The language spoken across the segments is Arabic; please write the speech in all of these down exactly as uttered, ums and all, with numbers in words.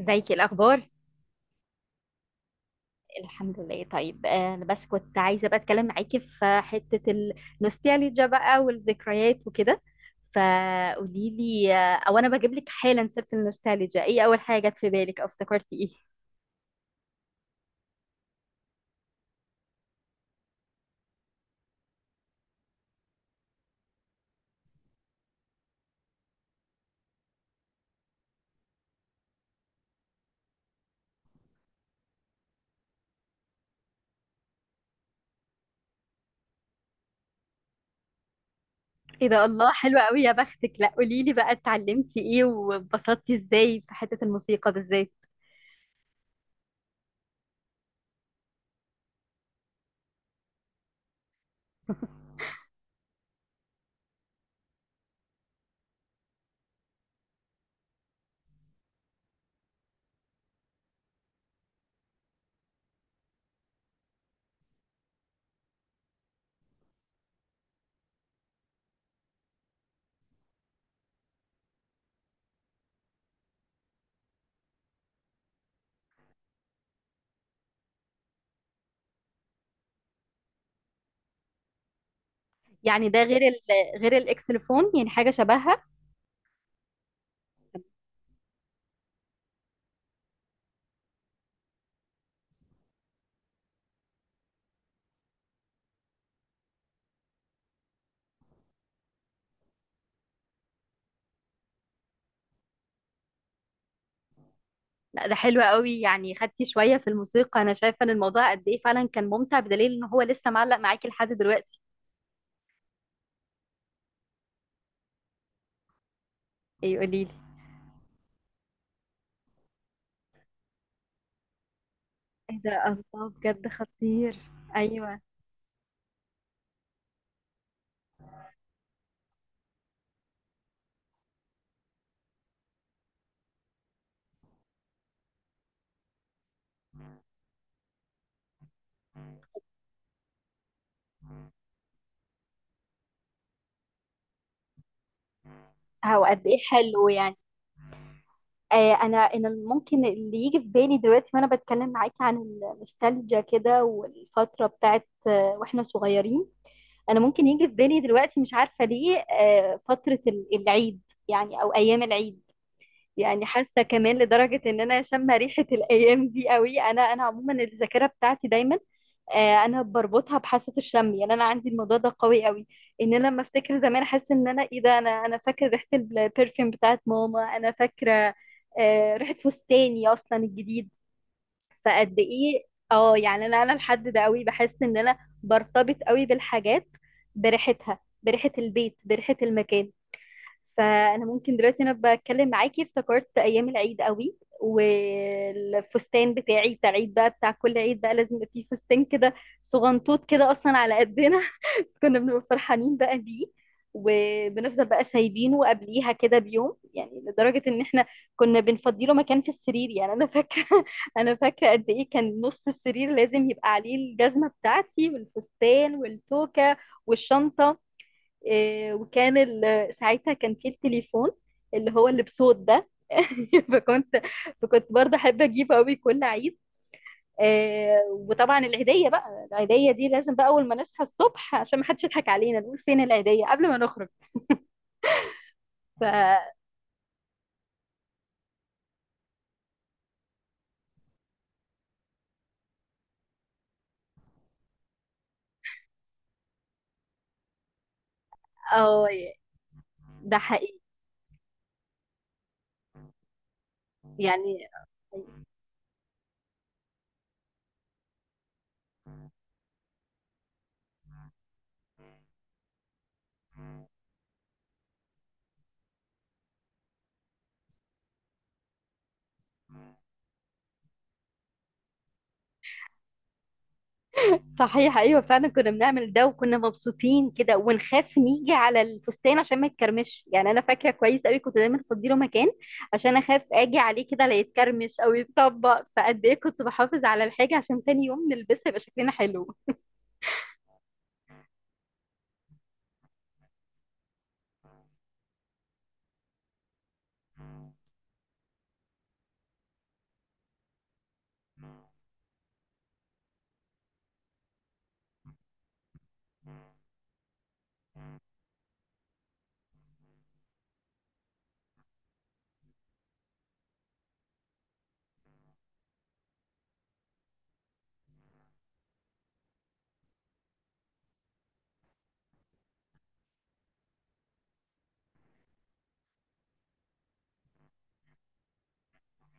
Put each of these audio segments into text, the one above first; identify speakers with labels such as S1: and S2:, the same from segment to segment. S1: ازيك؟ إيه الاخبار؟ الحمد لله. طيب، آه، انا بس كنت عايزه بقى اتكلم معاكي في حته النوستالجيا بقى والذكريات وكده. فقولي لي، آه، او انا بجيب لك حالا سيره النوستالجيا، ايه اول حاجه جت في بالك او افتكرتي ايه؟ ايه ده! الله، حلوه قوي يا بختك. لا قولي لي بقى، اتعلمتي ايه واتبسطتي ازاي في حته الموسيقى بالذات؟ يعني ده غير ال غير الاكسلفون، يعني حاجه شبهها. لا ده حلو قوي، يعني خدتي شوية في الموسيقى. انا شايفة ان الموضوع قد ايه فعلا كان ممتع، بدليل ان هو لسه معلق معاكي لحد دلوقتي. ايه؟ قوليلي. ايه ده! الله، بجد خطير. ايوه. هو قد ايه حلو يعني. آه انا انا ممكن اللي يجي في بالي دلوقتي وانا بتكلم معاكي عن النوستالجيا كده، والفترة بتاعت آه واحنا صغيرين. انا ممكن يجي في بالي دلوقتي، مش عارفة ليه، آه فترة ال- العيد. يعني او ايام العيد. يعني حاسه كمان لدرجه ان انا شامه ريحه الايام دي قوي. انا انا عموما الذاكره بتاعتي دايما، آه، انا بربطها بحاسه الشم. يعني انا عندي الموضوع ده قوي قوي. ان انا لما افتكر زمان احس ان انا ايه ده. انا انا فاكره ريحه البرفيوم بتاعت ماما. انا فاكره آه، ريحه فستاني اصلا الجديد. فقد ايه! اه، يعني انا انا الحد ده قوي بحس ان انا برتبط قوي بالحاجات، بريحتها، بريحه البيت، بريحه المكان. فانا ممكن دلوقتي انا بتكلم معاكي افتكرت ايام العيد قوي، والفستان بتاعي بتاع عيد بقى، بتاع كل عيد بقى لازم يبقى فيه فستان كده صغنطوط كده اصلا على قدنا. كنا بنبقى فرحانين بقى بيه، وبنفضل بقى سايبينه قبليها كده بيوم، يعني لدرجة ان احنا كنا بنفضيله مكان في السرير. يعني انا فاكرة، انا فاكرة قد ايه كان نص السرير لازم يبقى عليه الجزمة بتاعتي والفستان والتوكة والشنطة. إيه، وكان ال- ساعتها كان في التليفون اللي هو اللي بصوت ده، فكنت. فكنت برضه احب اجيبه قوي كل عيد. إيه، وطبعا العيديه بقى، العيديه دي لازم بقى اول ما نصحى الصبح عشان ما حدش يضحك علينا نقول فين العيديه قبل ما نخرج. ف اه، ده حقيقي. يعني صحيح، ايوه فعلا كنا بنعمل ده وكنا مبسوطين كده، ونخاف نيجي على الفستان عشان ما يتكرمش. يعني انا فاكره كويس قوي كنت دايما افضي له مكان عشان اخاف اجي عليه كده لا يتكرمش او يتطبق. فقد ايه كنت بحافظ على الحاجه عشان تاني يوم نلبسها يبقى شكلنا حلو.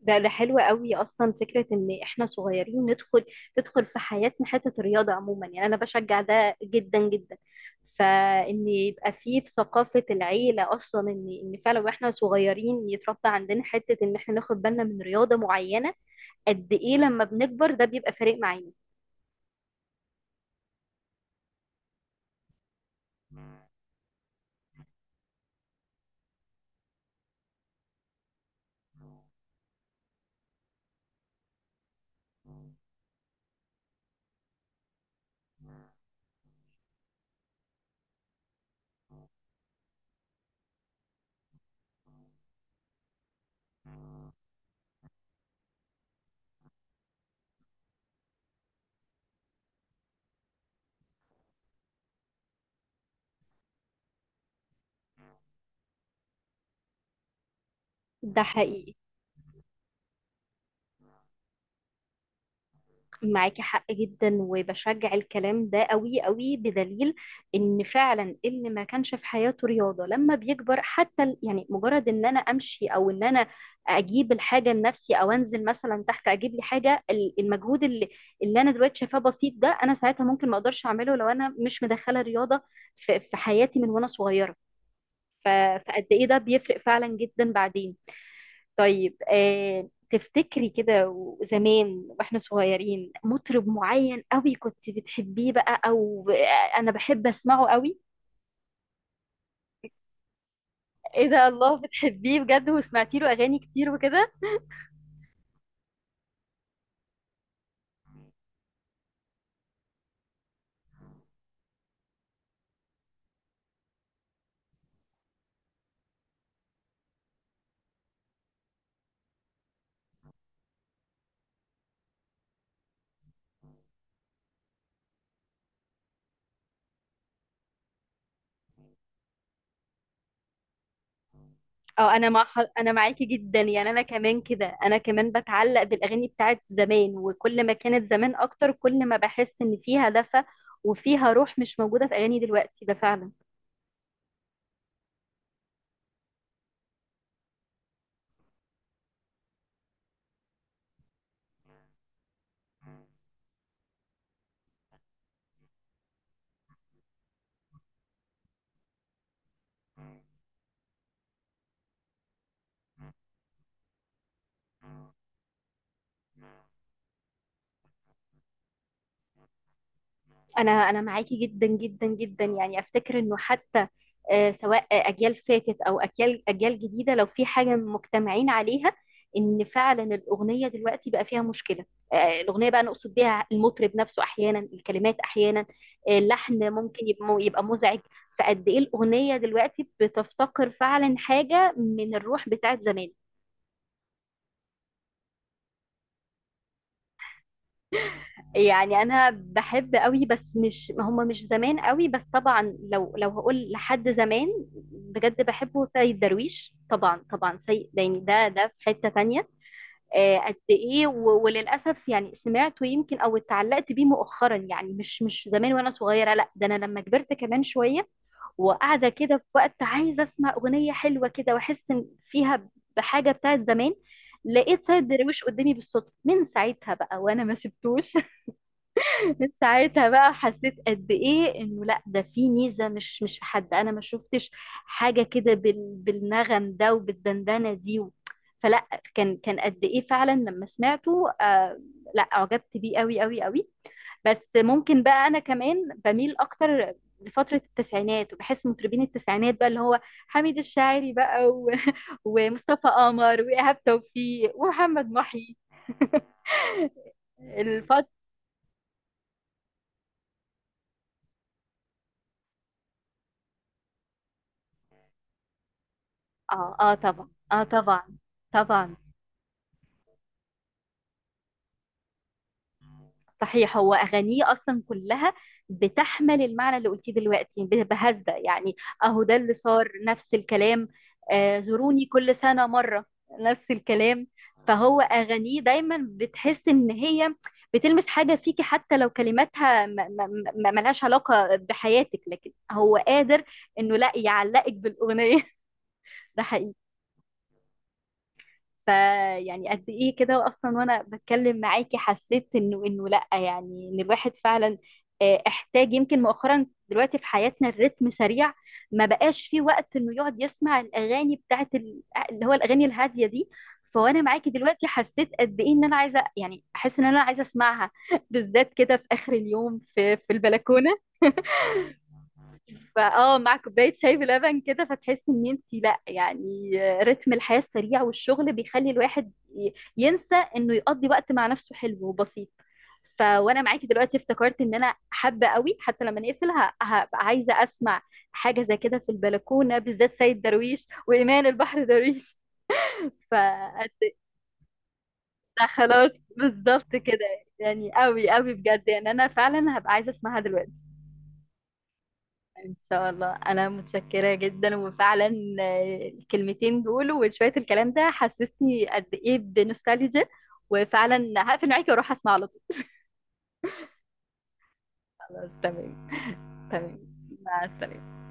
S1: ده ده حلو قوي، اصلا فكره ان احنا صغيرين ندخل، تدخل في حياتنا حته الرياضه عموما. يعني انا بشجع ده جدا جدا. فان يبقى فيه في ثقافه العيله، اصلا ان ان فعلا واحنا صغيرين يتربى عندنا حته ان احنا ناخد بالنا من رياضه معينه. قد ايه لما بنكبر ده بيبقى فارق معانا. ده حقيقي. معاكي حق جدا، وبشجع الكلام ده قوي قوي، بدليل ان فعلا اللي ما كانش في حياته رياضة لما بيكبر، حتى ال- يعني مجرد ان انا امشي، او ان انا اجيب الحاجة لنفسي، او انزل مثلا تحت اجيب لي حاجة. ال- المجهود اللي اللي انا دلوقتي شايفاه بسيط ده، انا ساعتها ممكن ما اقدرش اعمله لو انا مش مدخلة رياضة في في حياتي من وانا صغيرة. ف- فقد ايه ده بيفرق فعلا جدا بعدين. طيب، آه تفتكري كده زمان واحنا صغيرين مطرب معين قوي كنت بتحبيه بقى، او آه، انا بحب اسمعه قوي؟ ايه ده! الله، بتحبيه بجد وسمعتي له اغاني كتير وكده؟ اه، انا مع انا معاكي جدا، يعني انا كمان كده انا كمان بتعلق بالاغاني بتاعت زمان، وكل ما كانت زمان اكتر كل ما بحس ان فيها دفى، وفيها روح مش موجودة في اغاني دلوقتي. ده فعلا. انا انا معاكي جدا جدا جدا، يعني افتكر انه حتى، آه، سواء اجيال فاتت، او اجيال اجيال جديده، لو في حاجه مجتمعين عليها، ان فعلا الاغنيه دلوقتي بقى فيها مشكله. آه، الاغنيه بقى نقصد بيها المطرب نفسه احيانا، الكلمات احيانا، آه، اللحن ممكن يبقى يبقى مزعج. فقد ايه الاغنيه دلوقتي بتفتقر فعلا حاجه من الروح بتاعت زمان. يعني انا بحب قوي بس مش هم مش زمان قوي، بس طبعا لو لو هقول لحد زمان بجد بحبه سيد درويش. طبعا، طبعا، سيد ده يعني ده ده في حتة تانية. آه، قد ايه، و- وللاسف يعني سمعته يمكن، او اتعلقت بيه مؤخرا، يعني مش مش زمان وانا صغيرة. لا ده انا لما كبرت كمان شوية، وقاعدة كده في وقت عايزة اسمع اغنية حلوة كده، واحس إن فيها بحاجة بتاعت زمان، لقيت سيد درويش قدامي بالصدفة. من ساعتها بقى وانا ما سبتوش. من ساعتها بقى حسيت قد ايه انه لا، ده في ميزه. مش مش في حد انا ما شفتش حاجه كده بال بالنغم ده، وبالدندنه دي و... فلا. كان كان قد ايه فعلا لما سمعته، آه لا اعجبت بيه قوي قوي قوي. بس ممكن بقى انا كمان بميل اكتر لفترة التسعينات، وبحس مطربين التسعينات بقى اللي هو حميد الشاعري بقى و... ومصطفى قمر وإيهاب توفيق ومحمد محي الفترة. اه، اه طبعا، اه طبعا، طبعا. صحيح، هو أغانيه أصلا كلها بتحمل المعنى اللي قلتيه دلوقتي، ب- بهذا يعني. أهو ده اللي صار نفس الكلام، آه، زوروني كل سنة مرة. نفس الكلام. فهو أغانيه دايما بتحس إن هي بتلمس حاجة فيكي، حتى لو كلماتها م- م- م- ملهاش علاقة بحياتك، لكن هو قادر إنه لا يعلقك بالأغنية. ده حقيقي. فيعني قد ايه كده، اصلا وانا بتكلم معاكي حسيت انه انه لا يعني ان الواحد فعلا، آه، احتاج يمكن مؤخرا دلوقتي في حياتنا الريتم سريع. ما بقاش فيه وقت انه يقعد يسمع الاغاني بتاعت ال- اللي هو الاغاني الهاديه دي. فوانا معاكي دلوقتي حسيت قد ايه ان انا عايزه، يعني احس ان انا عايزه اسمعها بالذات كده في اخر اليوم، في في البلكونه، فاه، مع كوبايه شاي بلبن كده، فتحسي ان انت لا، يعني رتم الحياه السريع والشغل بيخلي الواحد ي- ينسى انه يقضي وقت مع نفسه حلو وبسيط. ف وانا معاكي دلوقتي افتكرت ان انا حابه قوي، حتى لما نقفل ه- هبقى عايزه اسمع حاجه زي كده في البلكونه، بالذات سيد درويش وايمان البحر درويش. ف خلاص. بالظبط كده. يعني قوي قوي بجد، يعني انا فعلا هبقى عايزه اسمعها دلوقتي. ان شاء الله، انا متشكره جدا. وفعلا، آه، الكلمتين دول وشويه الكلام ده حسسني قد ايه بنوستالجيا، وفعلا هقفل معاكي واروح اسمع على طول. خلاص، تمام. تمام. مع السلامه.